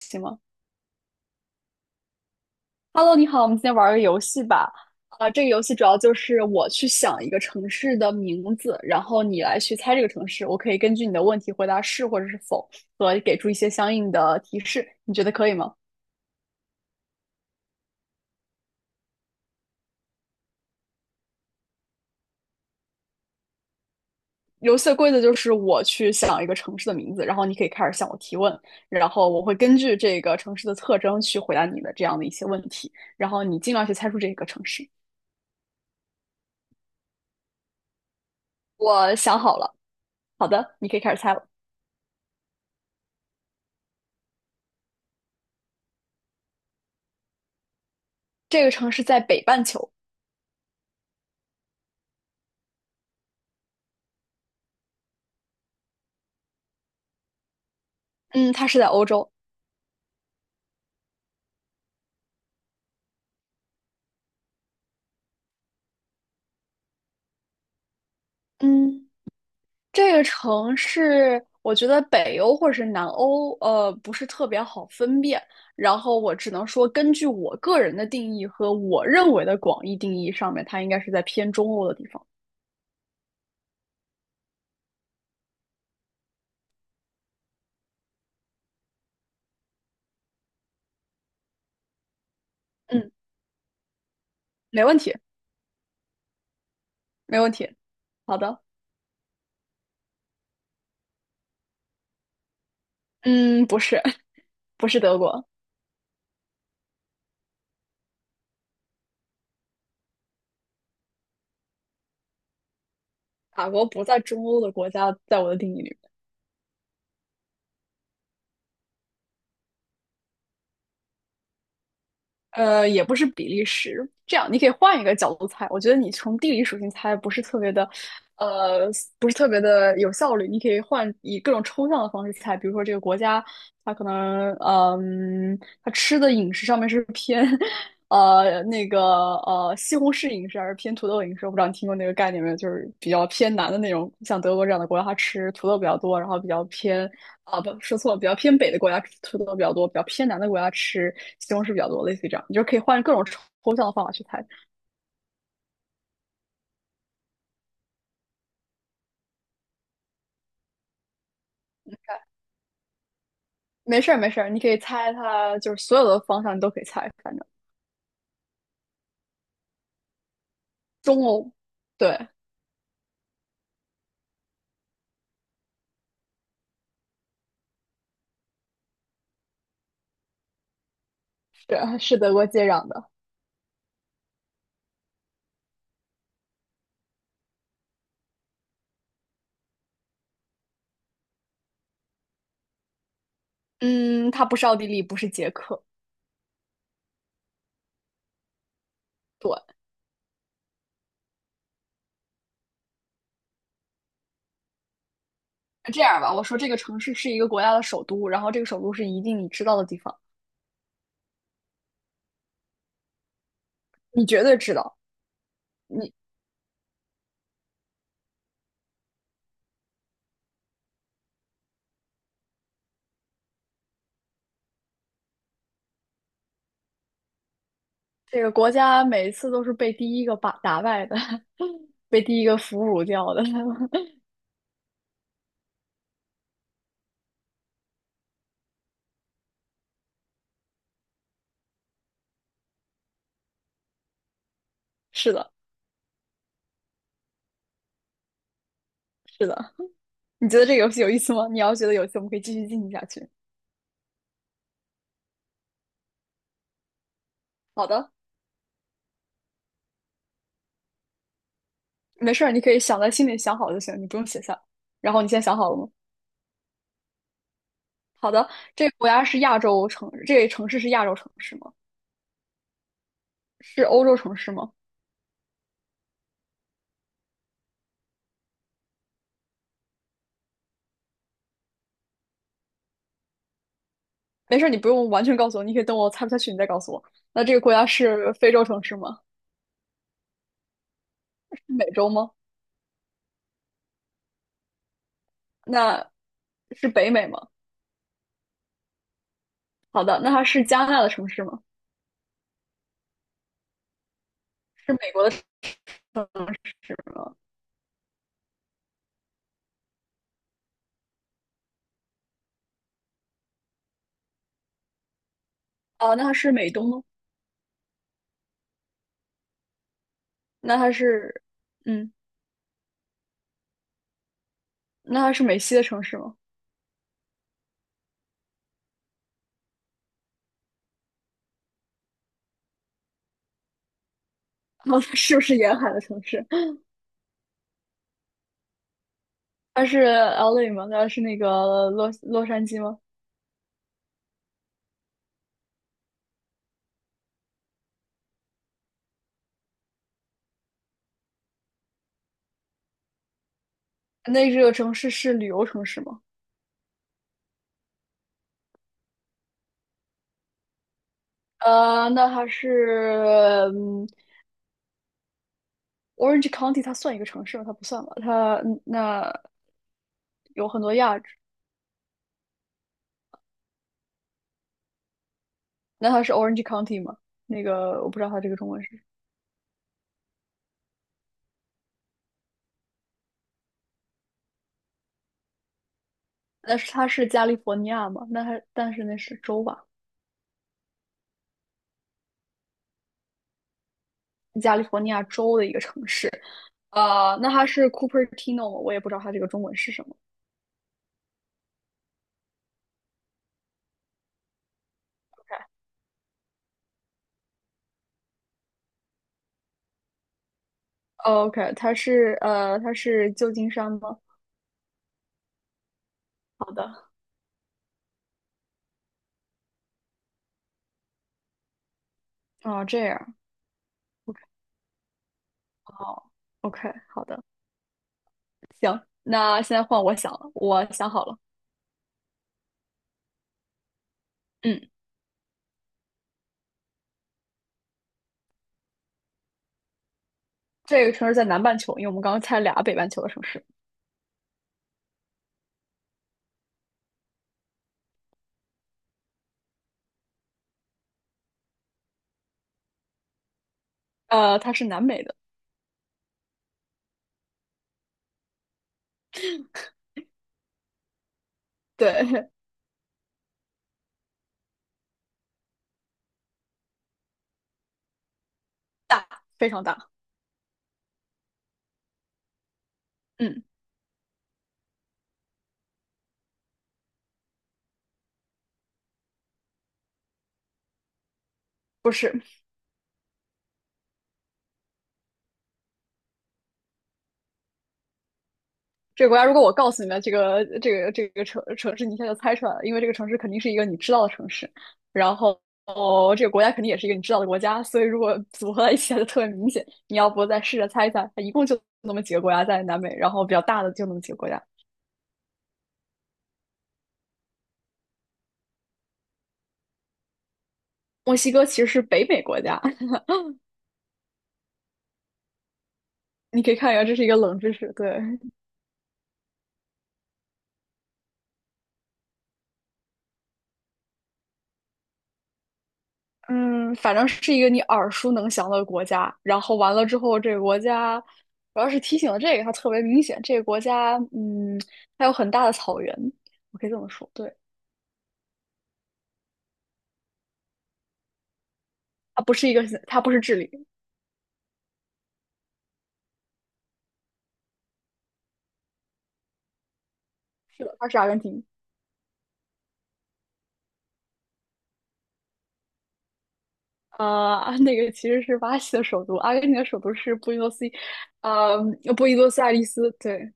行吗？Hello，你好，我们今天玩个游戏吧。啊、这个游戏主要就是我去想一个城市的名字，然后你来去猜这个城市。我可以根据你的问题回答是或者是否，和给出一些相应的提示。你觉得可以吗？游戏的规则就是我去想一个城市的名字，然后你可以开始向我提问，然后我会根据这个城市的特征去回答你的这样的一些问题，然后你尽量去猜出这个城市。我想好了，好的，你可以开始猜了。这个城市在北半球，嗯，它是在欧洲。嗯，这个城市，我觉得北欧或者是南欧，不是特别好分辨。然后我只能说，根据我个人的定义和我认为的广义定义上面，它应该是在偏中欧的地方。嗯，没问题，没问题。好的，嗯，不是，不是德国，法国不在中欧的国家，在我的定义里。也不是比利时。这样，你可以换一个角度猜。我觉得你从地理属性猜呃，不是特别的有效率。你可以换以各种抽象的方式猜，比如说这个国家，它可能，嗯，它吃的饮食上面是偏 那个西红柿饮食还是偏土豆饮食，我不知道你听过那个概念没有，就是比较偏南的那种，像德国这样的国家，它吃土豆比较多，然后比较偏啊，不，说错了，比较偏北的国家吃土豆比较多，比较偏南的国家吃西红柿比较多，类似于这样，你就可以换各种抽象的方法去猜。没事儿，没事儿，你可以猜它，就是所有的方向你都可以猜，反正中欧，对，是德国接壤的，嗯，它不是奥地利，不是捷克，对，这样吧，我说这个城市是一个国家的首都，然后这个首都是一定你知道的地方，你绝对知道。你这个国家每次都是被第一个把打败的，被第一个俘虏掉的。是的，是的。你觉得这个游戏有意思吗？你要觉得有意思，我们可以继续进行下去。好的，没事儿，你可以想在心里想好就行，你不用写下。然后你现在想好了吗？好的，这个国家是亚洲城，这个城市是亚洲城市吗？是欧洲城市吗？没事儿，你不用完全告诉我，你可以等我猜不下去，你再告诉我。那这个国家是非洲城市吗？是美洲吗？那是北美吗？好的，那它是加拿大的城市吗？是美国的城市吗？啊，那它是美东吗？那它是，嗯，那它是美西的城市吗？哦，它是不是沿海的城市？它是 LA 吗？它是那个洛杉矶吗？那这个城市是旅游城市吗？呃，那它是，嗯，Orange County 它算一个城市吗？它不算吧？它那有很多亚，那它是 Orange County 吗？那个我不知道它这个中文是，那是它是加利福尼亚吗？那它但是那是州吧？加利福尼亚州的一个城市，那它是 Cupertino 吗？我也不知道它这个中文是什么。哦 OK，它是旧金山吗？好的，哦，这样，哦，OK，好的，行，那现在换我想了，我想好了，嗯，这个城市在南半球，因为我们刚刚猜俩北半球的城市。它是南美的，对，大，非常大。嗯，不是这个国家。如果我告诉你们这个城市，你一下就猜出来了，因为这个城市肯定是一个你知道的城市，然后哦，这个国家肯定也是一个你知道的国家，所以如果 组合在一起，它就特别明显。你要不再试着猜一猜，它一共就那么几个国家在南美，然后比较大的就那么几个国家。墨西哥其实是北美国家，你可以看一下，这是一个冷知识。对，嗯，反正是一个你耳熟能详的国家。然后完了之后，这个国家主要是提醒了这个，它特别明显。这个国家，它有很大的草原，我可以这么说。对，它不是一个，它不是智利，是的，它是阿根廷。那个其实是巴西的首都，阿根廷的首都是呃，布宜诺斯艾利斯。对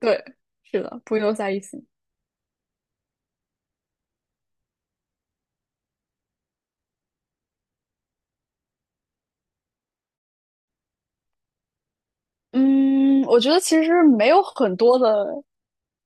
对，是的，布宜诺斯艾利斯。嗯，我觉得其实没有很多的，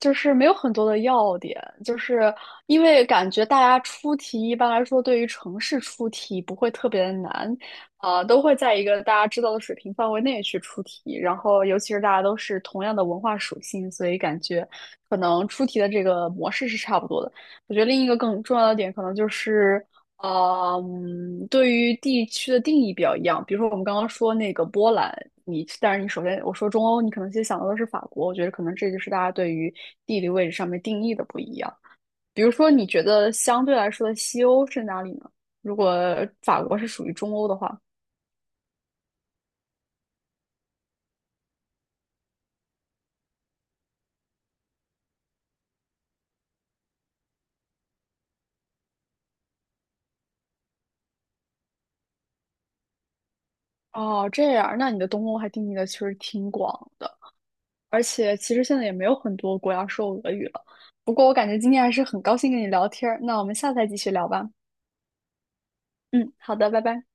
就是没有很多的要点，就是因为感觉大家出题一般来说对于城市出题不会特别的难，啊、都会在一个大家知道的水平范围内去出题，然后尤其是大家都是同样的文化属性，所以感觉可能出题的这个模式是差不多的。我觉得另一个更重要的点可能就是。对于地区的定义比较一样。比如说，我们刚刚说那个波兰，你但是你首先我说中欧，你可能先想到的是法国。我觉得可能这就是大家对于地理位置上面定义的不一样。比如说，你觉得相对来说的西欧是哪里呢？如果法国是属于中欧的话，哦，这样，那你的东欧还定义的其实挺广的。而且其实现在也没有很多国家说俄语了。不过我感觉今天还是很高兴跟你聊天儿，那我们下次再继续聊吧。嗯，好的，拜拜。